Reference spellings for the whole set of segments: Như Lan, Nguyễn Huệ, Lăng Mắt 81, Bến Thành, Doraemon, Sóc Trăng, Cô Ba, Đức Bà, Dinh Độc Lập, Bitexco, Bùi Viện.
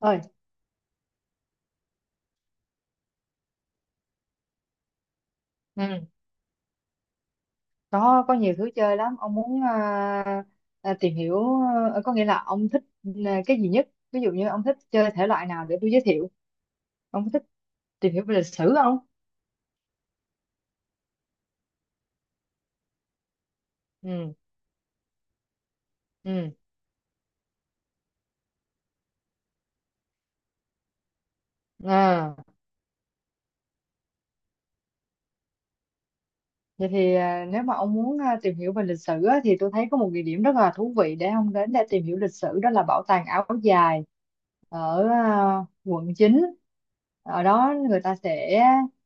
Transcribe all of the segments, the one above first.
Ơi. Ừ. Có nhiều thứ chơi lắm. Ông muốn tìm hiểu, có nghĩa là ông thích cái gì nhất? Ví dụ như ông thích chơi thể loại nào để tôi giới thiệu. Ông có thích tìm hiểu về lịch sử không? ừ ừ à. Vậy thì nếu mà ông muốn tìm hiểu về lịch sử á, thì tôi thấy có một địa điểm rất là thú vị để ông đến để tìm hiểu lịch sử, đó là bảo tàng áo dài ở quận chín. Ở đó người ta sẽ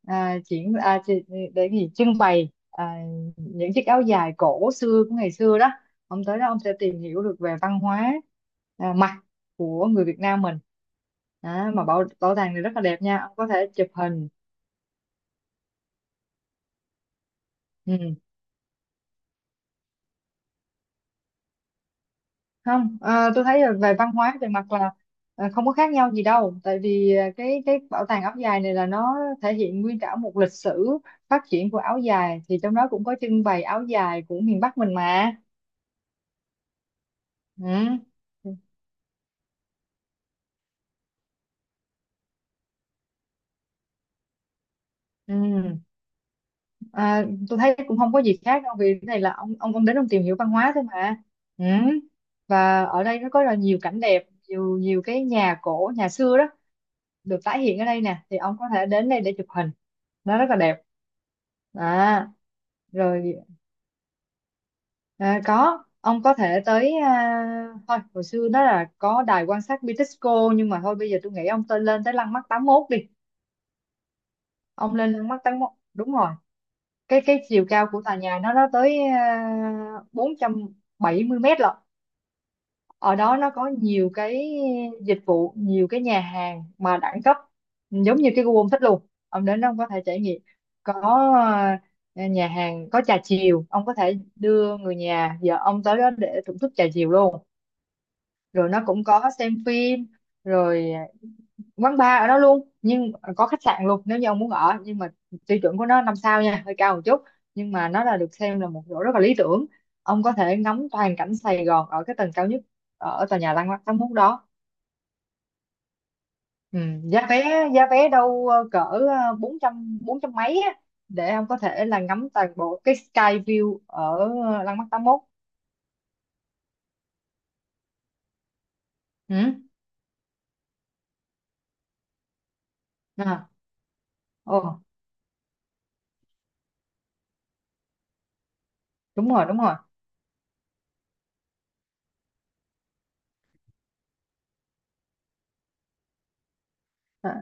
à, triển à, chi- để gì trưng bày những chiếc áo dài cổ xưa của ngày xưa đó. Ông tới đó ông sẽ tìm hiểu được về văn hóa mặc của người Việt Nam mình. Đó, mà bảo bảo tàng này rất là đẹp nha, ông có thể chụp hình. Ừ, không, tôi thấy là về văn hóa về mặt là không có khác nhau gì đâu, tại vì cái bảo tàng áo dài này là nó thể hiện nguyên cả một lịch sử phát triển của áo dài, thì trong đó cũng có trưng bày áo dài của miền Bắc mình mà. Ừ. Ừ. À, tôi thấy cũng không có gì khác đâu, vì cái này là ông ông đến ông tìm hiểu văn hóa thôi mà. Ừ. Và ở đây nó có là nhiều cảnh đẹp, nhiều nhiều cái nhà cổ nhà xưa đó được tái hiện ở đây nè, thì ông có thể đến đây để chụp hình, nó rất là đẹp. À, rồi. À, có, ông có thể tới, thôi hồi xưa đó là có đài quan sát Bitexco, nhưng mà thôi bây giờ tôi nghĩ ông tên lên tới Lăng Mắt tám mốt đi. Ông lên Lăng Mắt tám mốt, đúng rồi. Cái chiều cao của tòa nhà nó tới bốn trăm bảy mươi mét lận. Ở đó nó có nhiều cái dịch vụ, nhiều cái nhà hàng mà đẳng cấp giống như cái Google thích luôn. Ông đến đó ông có thể trải nghiệm. Có nhà hàng có trà chiều, ông có thể đưa người nhà vợ ông tới đó để thưởng thức trà chiều luôn. Rồi nó cũng có xem phim, rồi quán bar ở đó luôn, nhưng có khách sạn luôn nếu như ông muốn ở. Nhưng mà tiêu chuẩn của nó năm sao nha, hơi cao một chút, nhưng mà nó là được xem là một chỗ rất là lý tưởng. Ông có thể ngắm toàn cảnh Sài Gòn ở cái tầng cao nhất ở tòa nhà Lăng Thắng Mút đó. ừ, Giá vé, đâu cỡ bốn trăm, bốn trăm mấy á, để ông có thể là ngắm toàn bộ cái sky view ở Lăng Mắt 81. Ừ. À, ồ, đúng rồi, đúng rồi. À,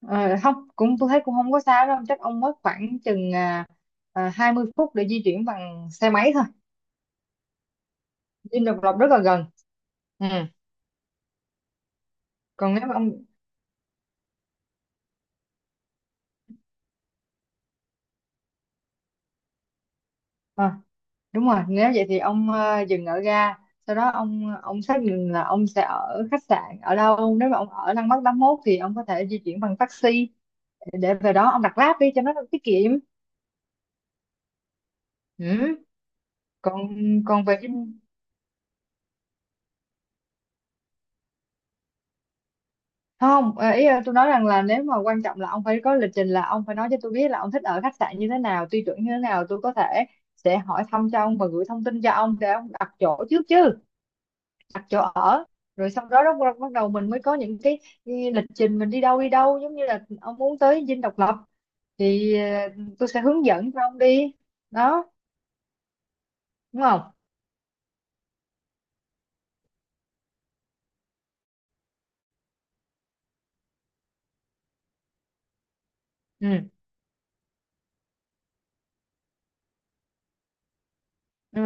Ờ, Không, cũng tôi thấy cũng không có xa đâu, chắc ông mất khoảng chừng 20 phút để di chuyển bằng xe máy thôi. Dinh Độc Lập rất là gần. Ừ. Còn nếu mà ông à, đúng rồi, nếu vậy thì ông dừng ở ga, sau đó ông xác định là ông sẽ ở khách sạn ở đâu. Nếu mà ông ở Lăng Bắc tám mốt thì ông có thể di chuyển bằng taxi để về đó, ông đặt Grab đi cho nó tiết kiệm. Ừ. còn Còn về Dinh, không, tôi nói rằng là, nếu mà quan trọng là ông phải có lịch trình, là ông phải nói cho tôi biết là ông thích ở khách sạn như thế nào, tiêu chuẩn như thế nào, tôi có thể sẽ hỏi thăm cho ông và gửi thông tin cho ông để ông đặt chỗ trước chứ. Đặt chỗ ở rồi sau đó, đó bắt đầu mình mới có những cái lịch trình mình đi đâu, đi đâu, giống như là ông muốn tới Dinh Độc Lập thì tôi sẽ hướng dẫn cho ông đi, đó, đúng không? Ừ. Ừ.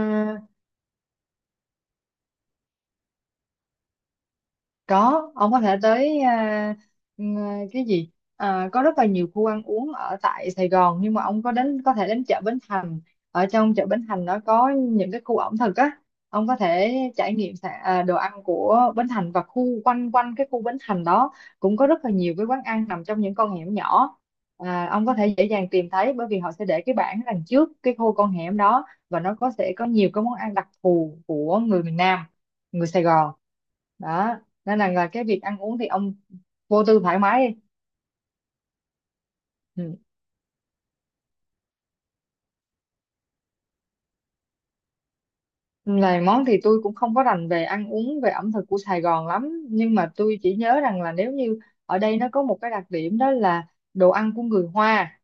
Có, ông có thể tới, à, à, cái gì? À, có rất là nhiều khu ăn uống ở tại Sài Gòn, nhưng mà ông có đến thể đến chợ Bến Thành. Ở trong chợ Bến Thành nó có những cái khu ẩm thực á. Ông có thể trải nghiệm đồ ăn của Bến Thành, và khu quanh quanh cái khu Bến Thành đó cũng có rất là nhiều cái quán ăn nằm trong những con hẻm nhỏ. À, ông có thể dễ dàng tìm thấy bởi vì họ sẽ để cái bảng đằng trước cái khu con hẻm đó, và nó sẽ có nhiều cái món ăn đặc thù của người miền Nam, người Sài Gòn đó, nên là cái việc ăn uống thì ông vô tư thoải mái đi. Ừ. Này, món thì tôi cũng không có rành về ăn uống, về ẩm thực của Sài Gòn lắm, nhưng mà tôi chỉ nhớ rằng là, nếu như ở đây nó có một cái đặc điểm, đó là đồ ăn của người Hoa,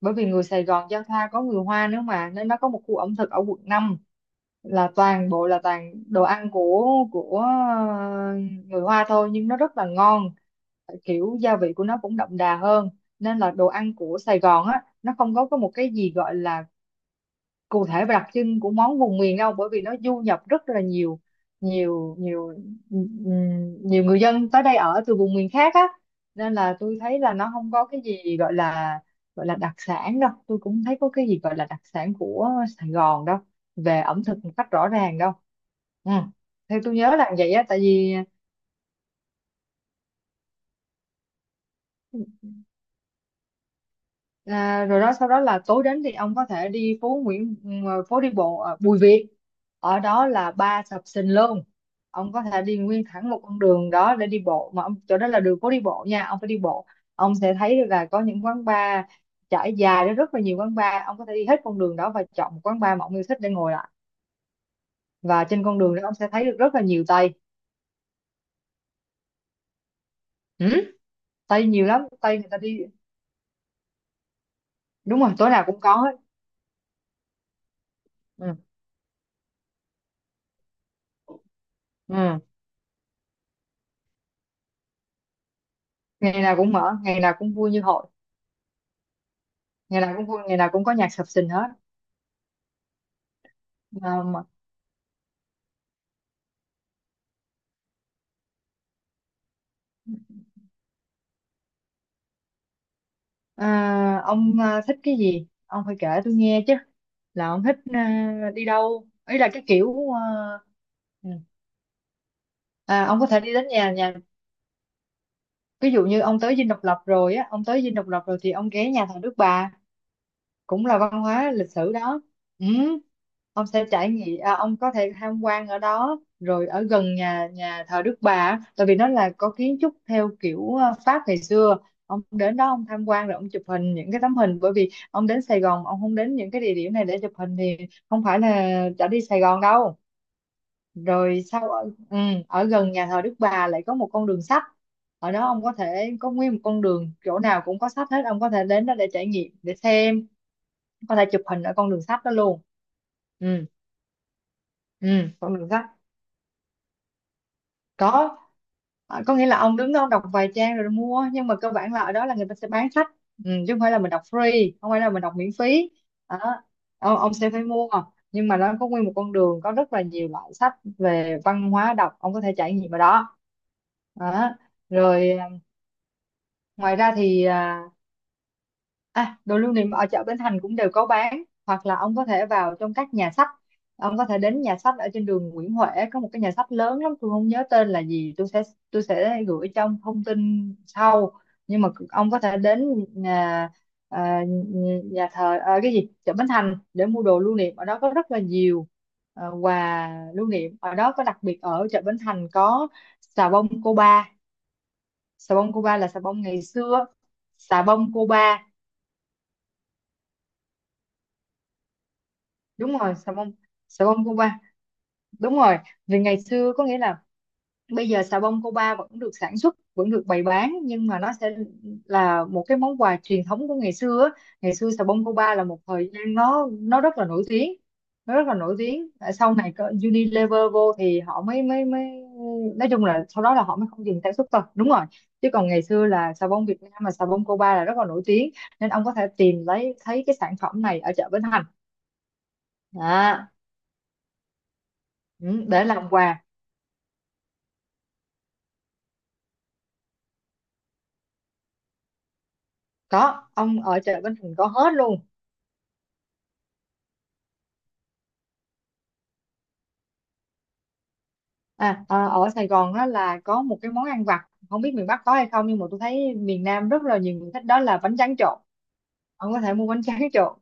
bởi vì người Sài Gòn giao thoa có người Hoa nữa mà, nên nó có một khu ẩm thực ở quận 5 là toàn bộ là toàn đồ ăn của người Hoa thôi, nhưng nó rất là ngon, kiểu gia vị của nó cũng đậm đà hơn. Nên là đồ ăn của Sài Gòn á, nó không có một cái gì gọi là cụ thể và đặc trưng của món vùng miền đâu, bởi vì nó du nhập rất là nhiều, nhiều nhiều ừm, nhiều người dân tới đây ở từ vùng miền khác á, nên là tôi thấy là nó không có cái gì gọi là đặc sản đâu. Tôi cũng thấy có cái gì gọi là đặc sản của Sài Gòn đâu, về ẩm thực một cách rõ ràng đâu. Ừ, theo tôi nhớ là vậy á, tại vì à, rồi đó. Sau đó là tối đến thì ông có thể đi phố Nguyễn, ừ, phố đi bộ ở Bùi Viện, ở đó là ba sập sình luôn. Ông có thể đi nguyên thẳng một con đường đó để đi bộ, mà ông chỗ đó là đường phố đi bộ nha, ông phải đi bộ. Ông sẽ thấy được là có những quán bar trải dài đó, rất là nhiều quán bar. Ông có thể đi hết con đường đó và chọn một quán bar mà ông yêu thích để ngồi lại, và trên con đường đó ông sẽ thấy được rất là nhiều Tây. Ừ? Tây nhiều lắm, Tây người ta đi. Đúng rồi, tối nào cũng có hết. Ừ. Ừ. Ngày nào cũng mở, ngày nào cũng vui như hội, ngày nào cũng vui, ngày nào cũng có nhạc sập sình hết. Mà À, ông thích cái gì ông phải kể tôi nghe chứ, là ông thích đi đâu, ý là cái kiểu ừ. À, ông có thể đi đến nhà nhà, ví dụ như ông tới Dinh Độc Lập rồi á, ông tới Dinh Độc Lập rồi thì ông ghé nhà thờ Đức Bà, cũng là văn hóa lịch sử đó. Ừ. Ông sẽ trải nghiệm, ông có thể tham quan ở đó. Rồi ở gần nhà nhà thờ Đức Bà á, tại vì nó là có kiến trúc theo kiểu Pháp ngày xưa, ông đến đó ông tham quan rồi ông chụp hình những cái tấm hình, bởi vì ông đến Sài Gòn ông không đến những cái địa điểm này để chụp hình thì không phải là đã đi Sài Gòn đâu. Rồi sau ở gần nhà thờ Đức Bà lại có một con đường sách, ở đó ông có thể có nguyên một con đường chỗ nào cũng có sách hết, ông có thể đến đó để trải nghiệm, để xem, có thể chụp hình ở con đường sách đó luôn. Ừ. Ừ, con đường sách có. À, có nghĩa là ông đứng đó ông đọc vài trang rồi mua, nhưng mà cơ bản là ở đó là người ta sẽ bán sách, ừ, chứ không phải là mình đọc free, không phải là mình đọc miễn phí, đó. Ông sẽ phải mua, nhưng mà nó có nguyên một con đường có rất là nhiều loại sách về văn hóa đọc, ông có thể trải nghiệm ở đó, đó. Rồi. Ngoài ra thì đồ lưu niệm ở chợ Bến Thành cũng đều có bán, hoặc là ông có thể vào trong các nhà sách. Ông có thể đến nhà sách ở trên đường Nguyễn Huệ, có một cái nhà sách lớn lắm, tôi không nhớ tên là gì. Tôi sẽ gửi trong thông tin sau. Nhưng mà ông có thể đến nhà à, nhà thờ, cái gì, chợ Bến Thành để mua đồ lưu niệm, ở đó có rất là nhiều quà lưu niệm. Ở đó có đặc biệt ở chợ Bến Thành có xà bông Cô Ba. Xà bông Cô Ba là xà bông ngày xưa. Xà bông Cô Ba, đúng rồi, xà bông, xà bông Cuba, đúng rồi. Vì ngày xưa có nghĩa là bây giờ xà bông Cuba vẫn được sản xuất, vẫn được bày bán, nhưng mà nó sẽ là một cái món quà truyền thống của ngày xưa á. Ngày xưa xà bông Cuba là một thời gian nó rất là nổi tiếng, nó rất là nổi tiếng. Tại sau này có Unilever vô thì họ mới mới mới nói chung là sau đó là họ mới không dừng sản xuất thôi, đúng rồi. Chứ còn ngày xưa là xà bông Việt Nam, mà xà bông Cuba là rất là nổi tiếng, nên ông có thể tìm lấy thấy cái sản phẩm này ở chợ Bến Thành. Đó. Ừ, để làm quà. Có, ông ở chợ Bến Thành có hết luôn. Ở Sài Gòn á là có một cái món ăn vặt, không biết miền Bắc có hay không, nhưng mà tôi thấy miền Nam rất là nhiều người thích, đó là bánh tráng trộn. Ông có thể mua bánh tráng trộn,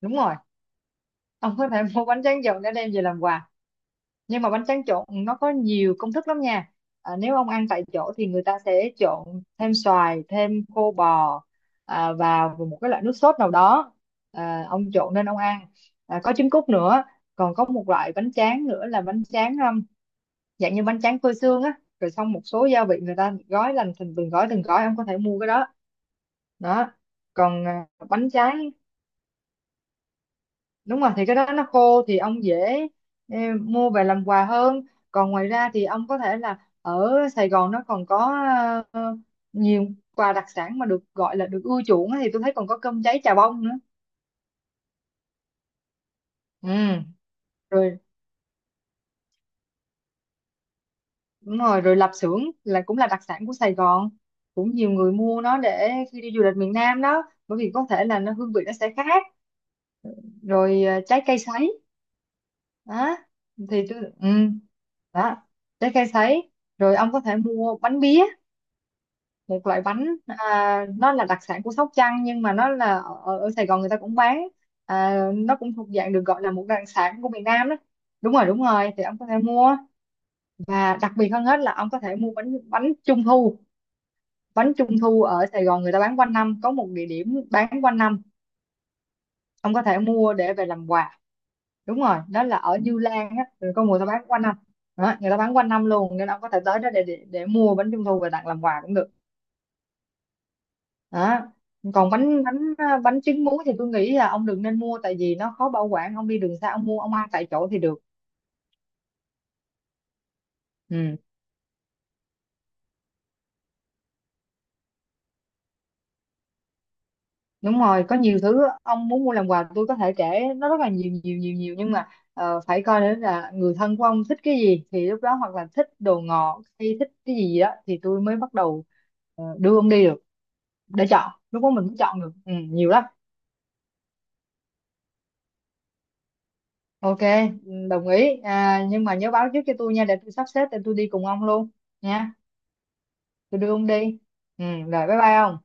đúng rồi. Ông có thể mua bánh tráng trộn để đem về làm quà. Nhưng mà bánh tráng trộn nó có nhiều công thức lắm nha. Nếu ông ăn tại chỗ thì người ta sẽ trộn thêm xoài, thêm khô bò, vào một cái loại nước sốt nào đó, ông trộn nên ông ăn, có trứng cút nữa. Còn có một loại bánh tráng nữa là bánh tráng dạng như bánh tráng phơi sương á, rồi xong một số gia vị người ta gói lành thành từng gói, ông có thể mua cái đó. Đó. Còn bánh tráng, đúng rồi, thì cái đó nó khô thì ông dễ, ừ, mua về làm quà hơn. Còn ngoài ra thì ông có thể là ở Sài Gòn nó còn có ờ, nhiều quà đặc sản mà được gọi là được ưa chuộng á, thì tôi thấy còn có cơm cháy chà bông nữa. Ừ, rồi, đúng rồi, rồi lạp xưởng là cũng là đặc sản của Sài Gòn, cũng nhiều người mua nó để khi đi du lịch miền Nam đó, bởi vì có thể là nó hương vị nó sẽ khác. Rồi trái cây sấy. Đó, thì tôi, ừ. Đó, trái cây sấy. Rồi ông có thể mua bánh bía, một loại bánh, nó là đặc sản của Sóc Trăng, nhưng mà nó là ở, ở ở Sài Gòn người ta cũng bán. Nó cũng thuộc dạng được gọi là một đặc sản của miền Nam đó. Đúng rồi, đúng rồi, thì ông có thể mua. Và đặc biệt hơn hết là ông có thể mua bánh bánh trung thu. Bánh trung thu ở Sài Gòn người ta bán quanh năm, có một địa điểm bán quanh năm, ông có thể mua để về làm quà. Đúng rồi, đó là ở Như Lan á, rồi con mùa tao bán quanh năm. Đó, người ta bán quanh năm luôn, nên ông có thể tới đó để để mua bánh trung thu về tặng làm quà cũng được. Đó. Còn bánh bánh bánh trứng muối thì tôi nghĩ là ông đừng nên mua, tại vì nó khó bảo quản, ông đi đường xa ông mua ông ăn tại chỗ thì được. Ừ, đúng rồi, có nhiều thứ ông muốn mua làm quà tôi có thể kể nó rất là nhiều nhiều nhiều nhiều, nhưng mà phải coi nữa là người thân của ông thích cái gì, thì lúc đó hoặc là thích đồ ngọt hay thích cái gì gì đó thì tôi mới bắt đầu đưa ông đi được, để chọn, lúc đó mình mới chọn được, ừ, nhiều lắm. Ok, ừ, đồng ý, nhưng mà nhớ báo trước cho tôi nha, để tôi sắp xếp để tôi đi cùng ông luôn nha. Tôi đưa ông đi. Ừ, rồi bye bye ông.